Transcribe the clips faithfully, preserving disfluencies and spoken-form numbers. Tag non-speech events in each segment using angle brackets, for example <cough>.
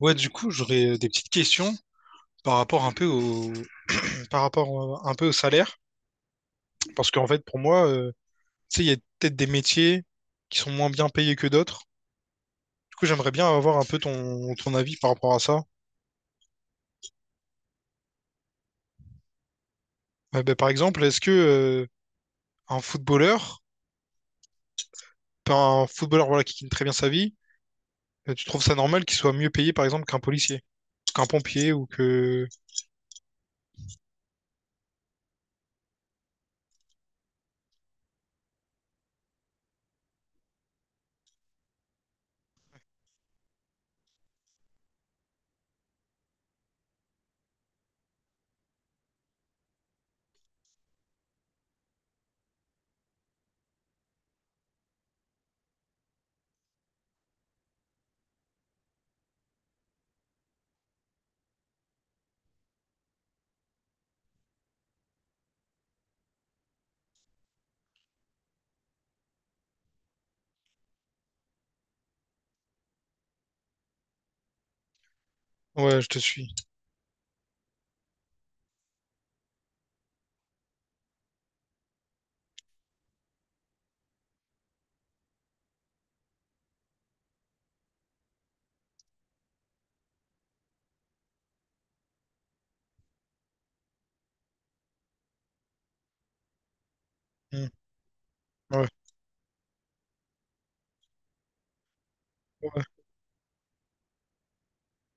Ouais, du coup, j'aurais des petites questions par rapport un peu au, par rapport euh, un peu au salaire. Parce qu'en fait, pour moi, euh, tu sais, il y a peut-être des métiers qui sont moins bien payés que d'autres. Du coup, j'aimerais bien avoir un peu ton, ton avis par rapport à ça. Euh, ben, par exemple, est-ce que euh, un footballeur, enfin, un footballeur voilà, qui gagne très bien sa vie, euh, tu trouves ça normal qu'il soit mieux payé, par exemple, qu'un policier, qu'un pompier ou que... Ouais, je te suis. Hmm. Ouais, ouais,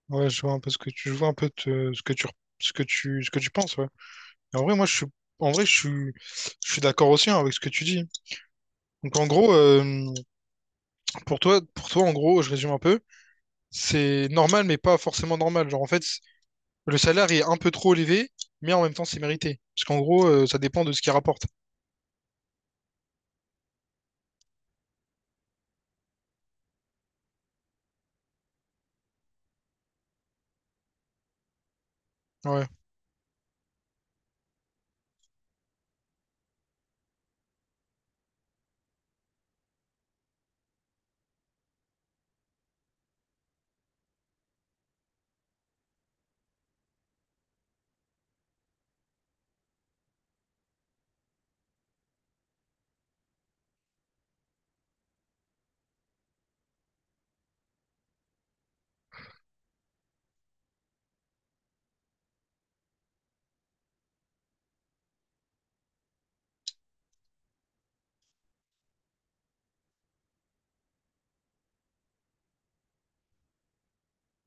ouais, je vois un peu ce que tu, je vois un peu te- ce que tu, ce que tu, ce que tu penses, ouais. Et en vrai, moi, je suis, en vrai, je suis, je suis d'accord aussi hein, avec ce que tu dis. Donc, en gros, euh, pour toi, pour toi, en gros, je résume un peu, c'est normal, mais pas forcément normal. Genre, en fait, c- le salaire est un peu trop élevé, mais en même temps, c'est mérité. Parce qu'en gros, euh, ça dépend de ce qu'il rapporte. Ouais,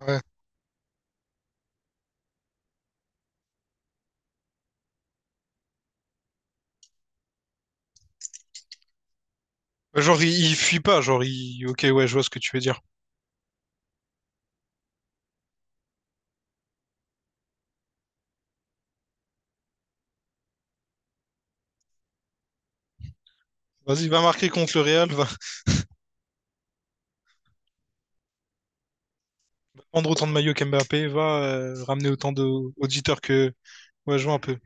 ouais. Bah, genre, il, il fuit pas. Genre, il... Ok, ouais, je vois ce que tu veux dire. Vas-y, va marquer contre le Real, va prendre autant de maillots qu'Mbappé, va euh, ramener autant d'auditeurs que... Ouais, je vois un peu. Ouais,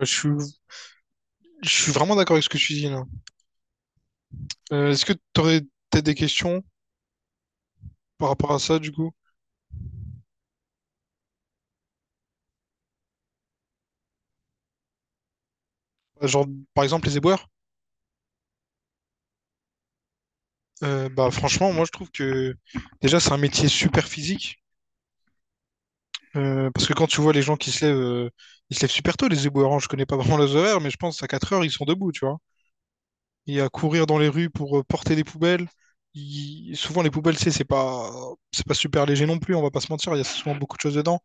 Je suis, je suis vraiment d'accord avec ce que tu dis, là. Euh, est-ce que t'aurais peut-être des questions par rapport à ça, du coup. Bah, genre, par exemple, les éboueurs. Euh, bah, franchement, moi, je trouve que déjà, c'est un métier super physique. Euh, parce que quand tu vois les gens qui se lèvent, euh, ils se lèvent super tôt, les éboueurs, hein. Je connais pas <laughs> vraiment leurs horaires, mais je pense à quatre heures, ils sont debout, tu vois. Et à courir dans les rues pour euh, porter des poubelles. Ils- Souvent, les poubelles, c'est c'est pas... c'est pas super léger non plus, on va pas se mentir. Il y a souvent beaucoup de choses dedans.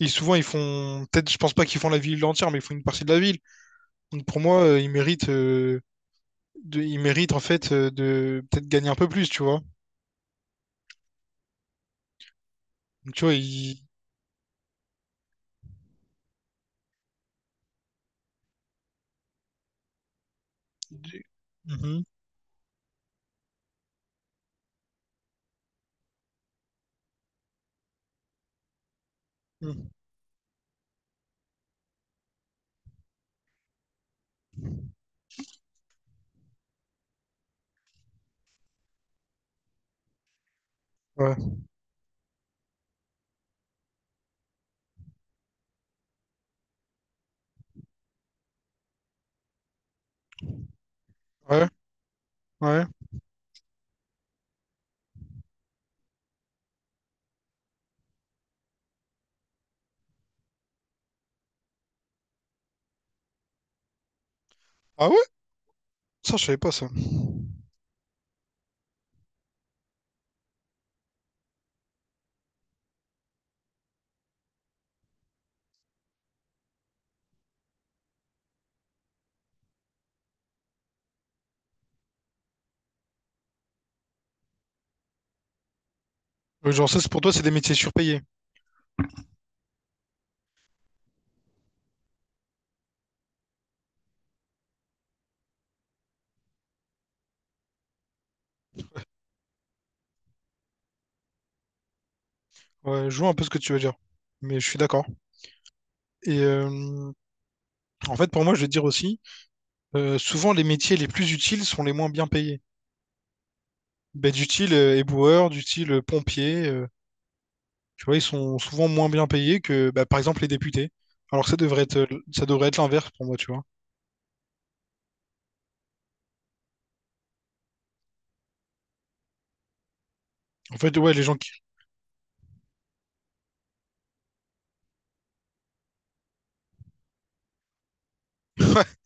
Et souvent, ils font. Peut-être, je pense pas qu'ils font la ville entière, mais ils font une partie de la ville. Donc, pour moi, euh, ils méritent, euh, de... ils méritent, en fait, euh, de peut-être gagner un peu plus, tu vois. Donc, tu vois, il... il- mhm, mhm. Ouais, ouais, ouais. Ah ouais? Ça, je savais pas ça. Euh, Genre, ça, c'est pour toi, c'est des métiers surpayés. Ouais, je vois un peu ce que tu veux dire. Mais je suis d'accord. Et euh, en fait, pour moi, je vais te dire aussi, euh, souvent, les métiers les plus utiles sont les moins bien payés. Bah, du style euh, éboueur, du style euh, pompier, euh, tu vois, ils sont souvent moins bien payés que, bah, par exemple, les députés. Alors que ça devrait être, euh, ça devrait être l'inverse pour moi, tu vois. En fait, ouais, les gens qui... <laughs>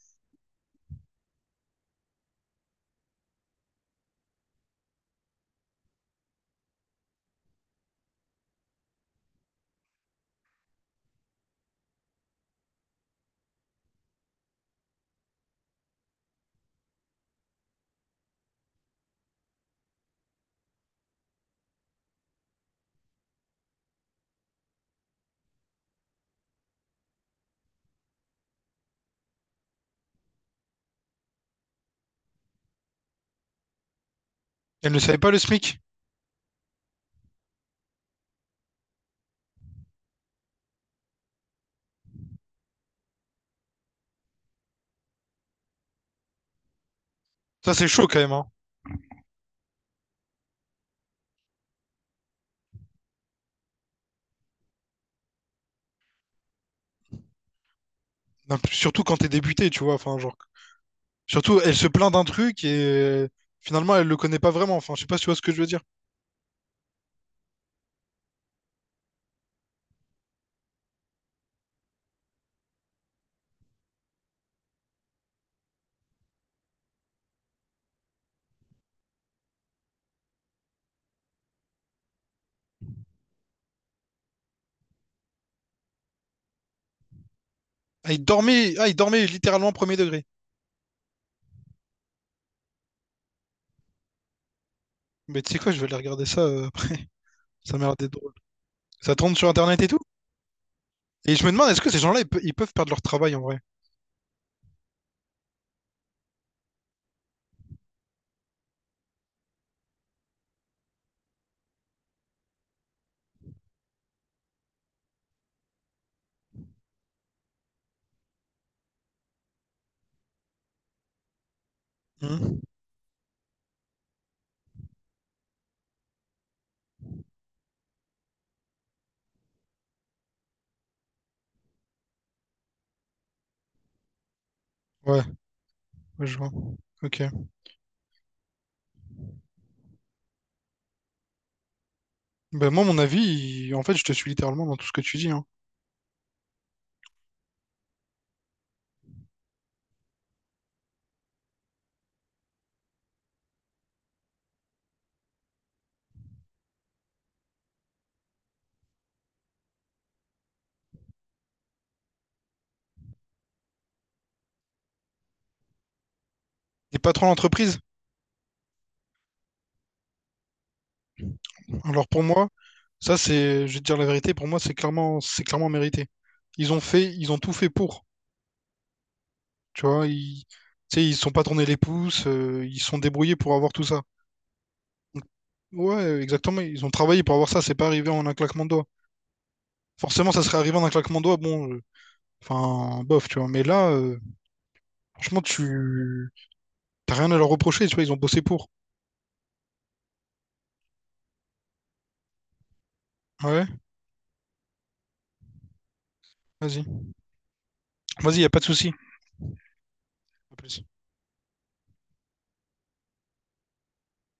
Elles ne savaient pas le S M I C. Ça, c'est chaud quand même, hein. Non, plus- surtout quand t'es débuté, tu vois. Enfin, genre, surtout, elle se plaint d'un truc et euh, finalement, elle le connaît pas vraiment. Enfin, je sais pas si tu vois ce que je veux dire. Ah, il dormait, ah, il dormait littéralement premier degré. Mais tu sais quoi, je vais aller regarder ça euh, après. Ça m'a l'air d'être drôle. Ça tourne sur Internet et tout? Et je me demande, est-ce que ces gens-là, ils, pe- ils peuvent perdre leur travail en vrai? Hmm. Ouais, ouais, je vois. Ok. Ben moi, mon avis, il- en fait, je te suis littéralement dans tout ce que tu dis, hein. T'es patron d'entreprise? Alors pour moi, ça c'est, je vais te dire la vérité, pour moi c'est clairement, c'est clairement mérité. Ils ont fait, ils ont tout fait pour, tu vois, ils, tu sais, ils se sont pas tournés les pouces, euh, ils se sont débrouillés pour avoir tout ça. Donc, ouais, exactement, ils ont travaillé pour avoir ça, c'est pas arrivé en un claquement de doigts. Forcément, ça serait arrivé en un claquement de doigts, bon, euh, enfin, bof, tu vois, mais là, euh, franchement, tu, t'as rien à leur reprocher, tu vois, ils ont bossé pour. Ouais, vas-y, vas-y, y a pas de souci. À plus.